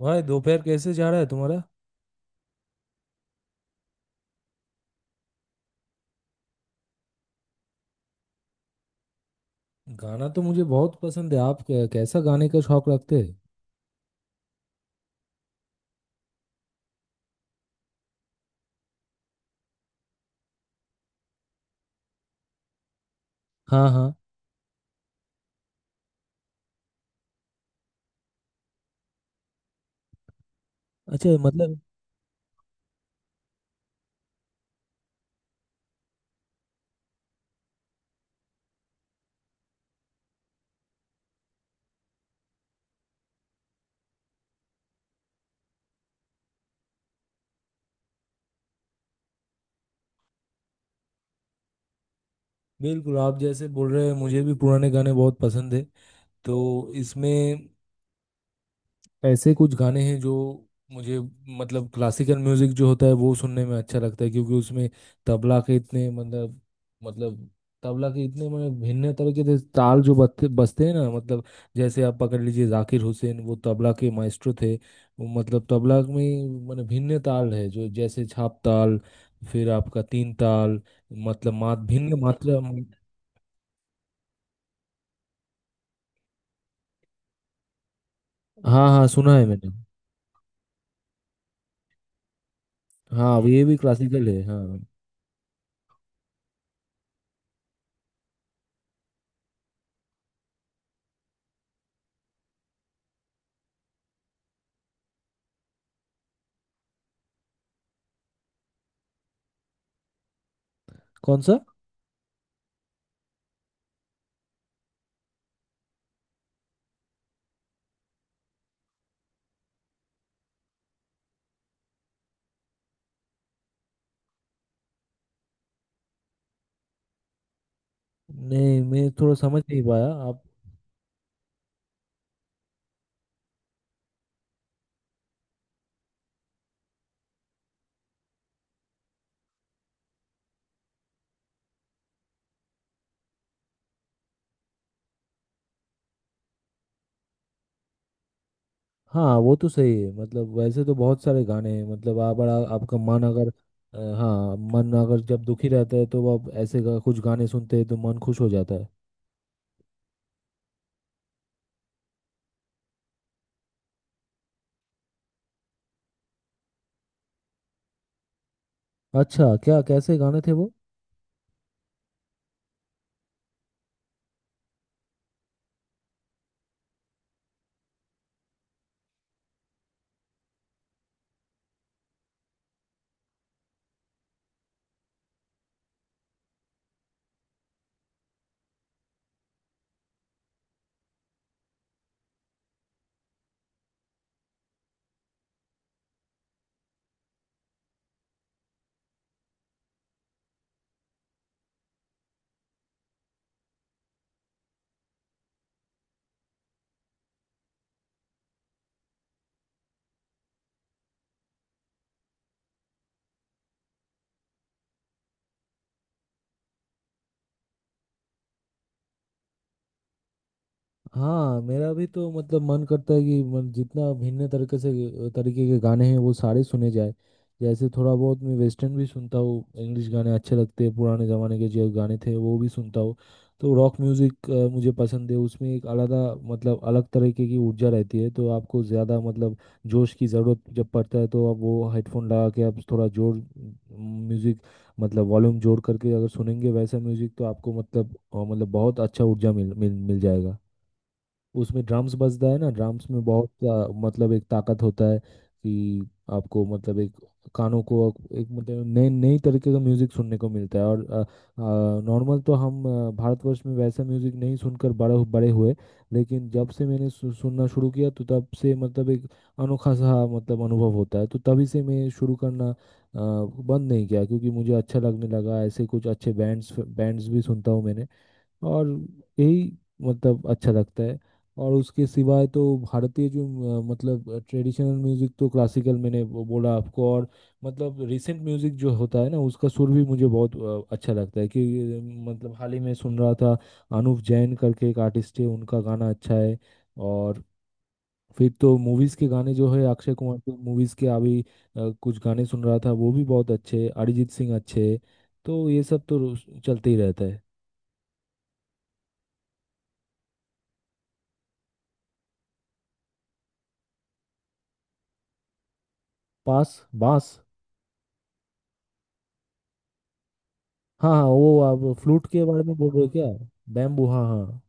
भाई दोपहर कैसे जा रहा है तुम्हारा। गाना तो मुझे बहुत पसंद है, आप कैसा गाने का शौक रखते हैं। हाँ हाँ। अच्छा मतलब। बिल्कुल आप जैसे बोल रहे हैं, मुझे भी पुराने गाने बहुत पसंद है। तो इसमें ऐसे कुछ गाने हैं जो मुझे, मतलब क्लासिकल म्यूजिक जो होता है वो सुनने में अच्छा लगता है, क्योंकि उसमें तबला के इतने मतलब, मतलब तबला के इतने मतलब भिन्न तरीके के ताल जो बजते बजते हैं ना, मतलब जैसे आप पकड़ लीजिए जाकिर हुसैन, वो तबला के माइस्ट्रो थे। वो मतलब तबला में मतलब भिन्न ताल है, जो जैसे छाप ताल, फिर आपका तीन ताल, मतलब मात भिन्न मात्रा। हाँ हाँ, सुना है मैंने। हाँ ये भी क्लासिकल है, हाँ। कौन सा? नहीं, मैं थोड़ा समझ नहीं पाया आप। हाँ वो तो सही है, मतलब वैसे तो बहुत सारे गाने हैं, मतलब आप बड़ा, आपका मन अगर, हाँ मन अगर जब दुखी रहता है, तो आप ऐसे कुछ गाने सुनते हैं तो मन खुश हो जाता है। अच्छा, क्या कैसे गाने थे वो? हाँ मेरा भी तो मतलब मन करता है कि मन जितना भिन्न तरीके के गाने हैं वो सारे सुने जाए। जैसे थोड़ा बहुत मैं वेस्टर्न भी सुनता हूँ, इंग्लिश गाने अच्छे लगते हैं, पुराने ज़माने के जो गाने थे वो भी सुनता हूँ। तो रॉक म्यूज़िक मुझे पसंद है, उसमें एक अलग मतलब अलग तरीके की ऊर्जा रहती है, तो आपको ज़्यादा मतलब जोश की ज़रूरत जब पड़ता है, तो आप वो हेडफोन लगा के आप थोड़ा जोर म्यूज़िक, मतलब वॉल्यूम जोड़ करके अगर सुनेंगे वैसा म्यूज़िक, तो आपको मतलब मतलब बहुत अच्छा ऊर्जा मिल मिल मिल जाएगा। उसमें ड्रम्स बजता है ना, ड्रम्स में बहुत मतलब एक ताकत होता है कि आपको मतलब एक कानों को, एक मतलब नए नई तरीके का म्यूजिक सुनने को मिलता है। और नॉर्मल तो हम भारतवर्ष में वैसा म्यूजिक नहीं सुनकर बड़े बड़े हुए। लेकिन जब से मैंने सुनना शुरू किया, तो तब से मतलब एक अनोखा सा मतलब अनुभव होता है, तो तभी से मैं शुरू करना बंद नहीं किया क्योंकि मुझे अच्छा लगने लगा। ऐसे कुछ अच्छे बैंड्स बैंड्स भी सुनता हूँ मैंने। और यही मतलब अच्छा लगता है। और उसके सिवाय तो भारतीय जो मतलब ट्रेडिशनल म्यूजिक, तो क्लासिकल मैंने वो बोला आपको, और मतलब रिसेंट म्यूजिक जो होता है ना, उसका सुर भी मुझे बहुत अच्छा लगता है कि मतलब हाल ही में सुन रहा था, अनुव जैन करके एक आर्टिस्ट है, उनका गाना अच्छा है। और फिर तो मूवीज के गाने जो है, अक्षय कुमार के मूवीज के अभी कुछ गाने सुन रहा था, वो भी बहुत अच्छे हैं। अरिजीत सिंह अच्छे हैं। तो ये सब तो रोज चलते ही रहता है। पास। बास। हाँ हाँ, वो आप फ्लूट के बारे में बोल रहे हो क्या? बैम्बू, हाँ हाँ।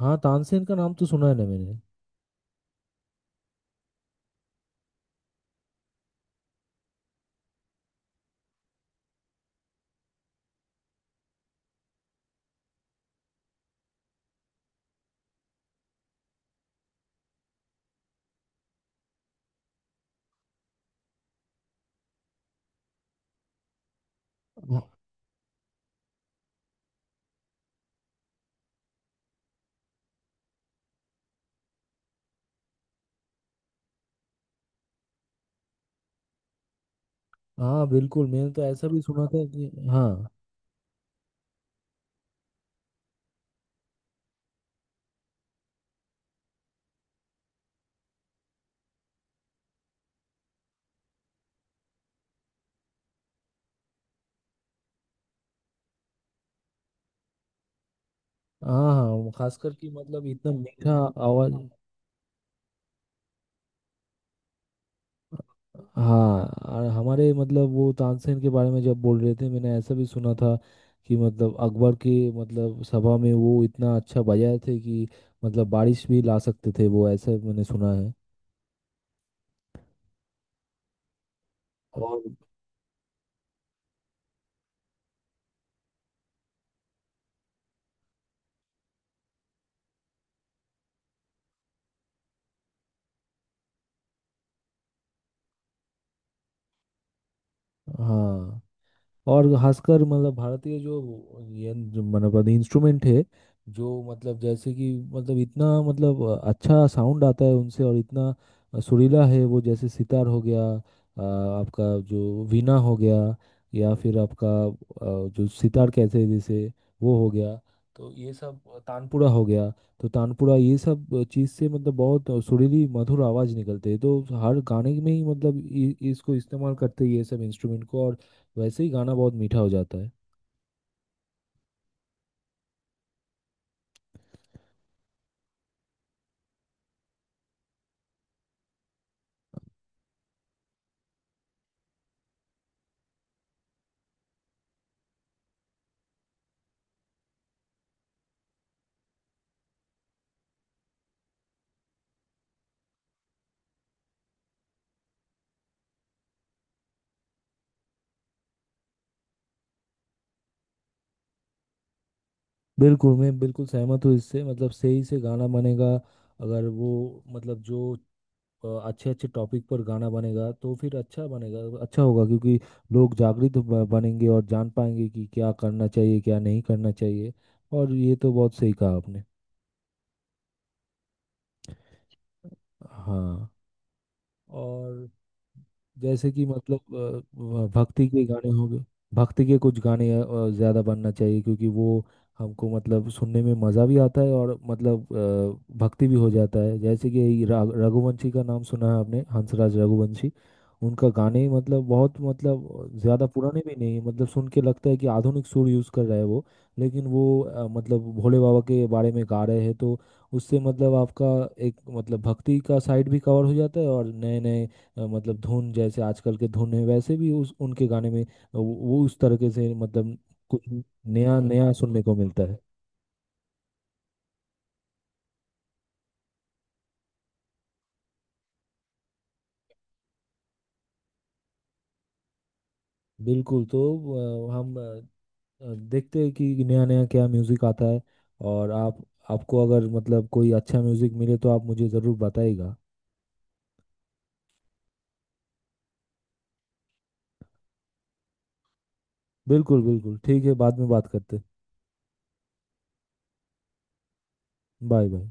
हाँ। तानसेन का नाम तो सुना है ना मैंने। हाँ हाँ, बिल्कुल मैंने तो ऐसा भी सुना था कि हाँ हाँ। हाँ वो खासकर कि मतलब इतना मीठा आवाज। हाँ। और हमारे मतलब वो तानसेन के बारे में जब बोल रहे थे, मैंने ऐसा भी सुना था कि मतलब अकबर के मतलब सभा में वो इतना अच्छा बजाए थे कि मतलब बारिश भी ला सकते थे वो, ऐसा मैंने सुना है। और हाँ। और खासकर मतलब भारतीय जो ये जो मतलब इंस्ट्रूमेंट है, जो मतलब जैसे कि मतलब इतना मतलब अच्छा साउंड आता है उनसे, और इतना सुरीला है वो, जैसे सितार हो गया, आपका जो वीणा हो गया, या फिर आपका जो सितार कहते हैं जैसे, वो हो गया, तो ये सब, तानपुरा हो गया, तो तानपुरा ये सब चीज़ से मतलब बहुत सुरीली मधुर आवाज़ निकलते हैं, तो हर गाने में ही मतलब इसको इस्तेमाल करते हैं ये सब इंस्ट्रूमेंट को, और वैसे ही गाना बहुत मीठा हो जाता है। बिल्कुल, मैं बिल्कुल सहमत हूँ इससे। मतलब सही से गाना बनेगा, अगर वो मतलब जो अच्छे अच्छे टॉपिक पर गाना बनेगा तो फिर अच्छा बनेगा, अच्छा होगा, क्योंकि लोग जागृत बनेंगे और जान पाएंगे कि क्या करना चाहिए क्या नहीं करना चाहिए। और ये तो बहुत सही कहा आपने। हाँ। और जैसे कि मतलब भक्ति के गाने हो गए। भक्ति के कुछ गाने ज़्यादा बनना चाहिए, क्योंकि वो हमको मतलब सुनने में मज़ा भी आता है, और मतलब भक्ति भी हो जाता है। जैसे कि रघुवंशी का नाम सुना है आपने, हंसराज रघुवंशी, उनका गाने मतलब बहुत मतलब ज़्यादा पुराने भी नहीं है, मतलब सुन के लगता है कि आधुनिक सुर यूज़ कर रहा है वो। लेकिन वो मतलब भोले बाबा के बारे में गा रहे हैं, तो उससे मतलब आपका एक मतलब भक्ति का साइड भी कवर हो जाता है, और नए नए मतलब धुन जैसे आजकल के धुन है वैसे भी उस उनके गाने में वो उस तरीके से मतलब कुछ नया नया सुनने को मिलता है। बिल्कुल। तो अ, हम अ, देखते हैं कि नया नया क्या म्यूज़िक आता है। और आप आपको अगर मतलब कोई अच्छा म्यूज़िक मिले तो आप मुझे ज़रूर बताइएगा। बिल्कुल बिल्कुल ठीक है, बाद में बात करते। Bye bye.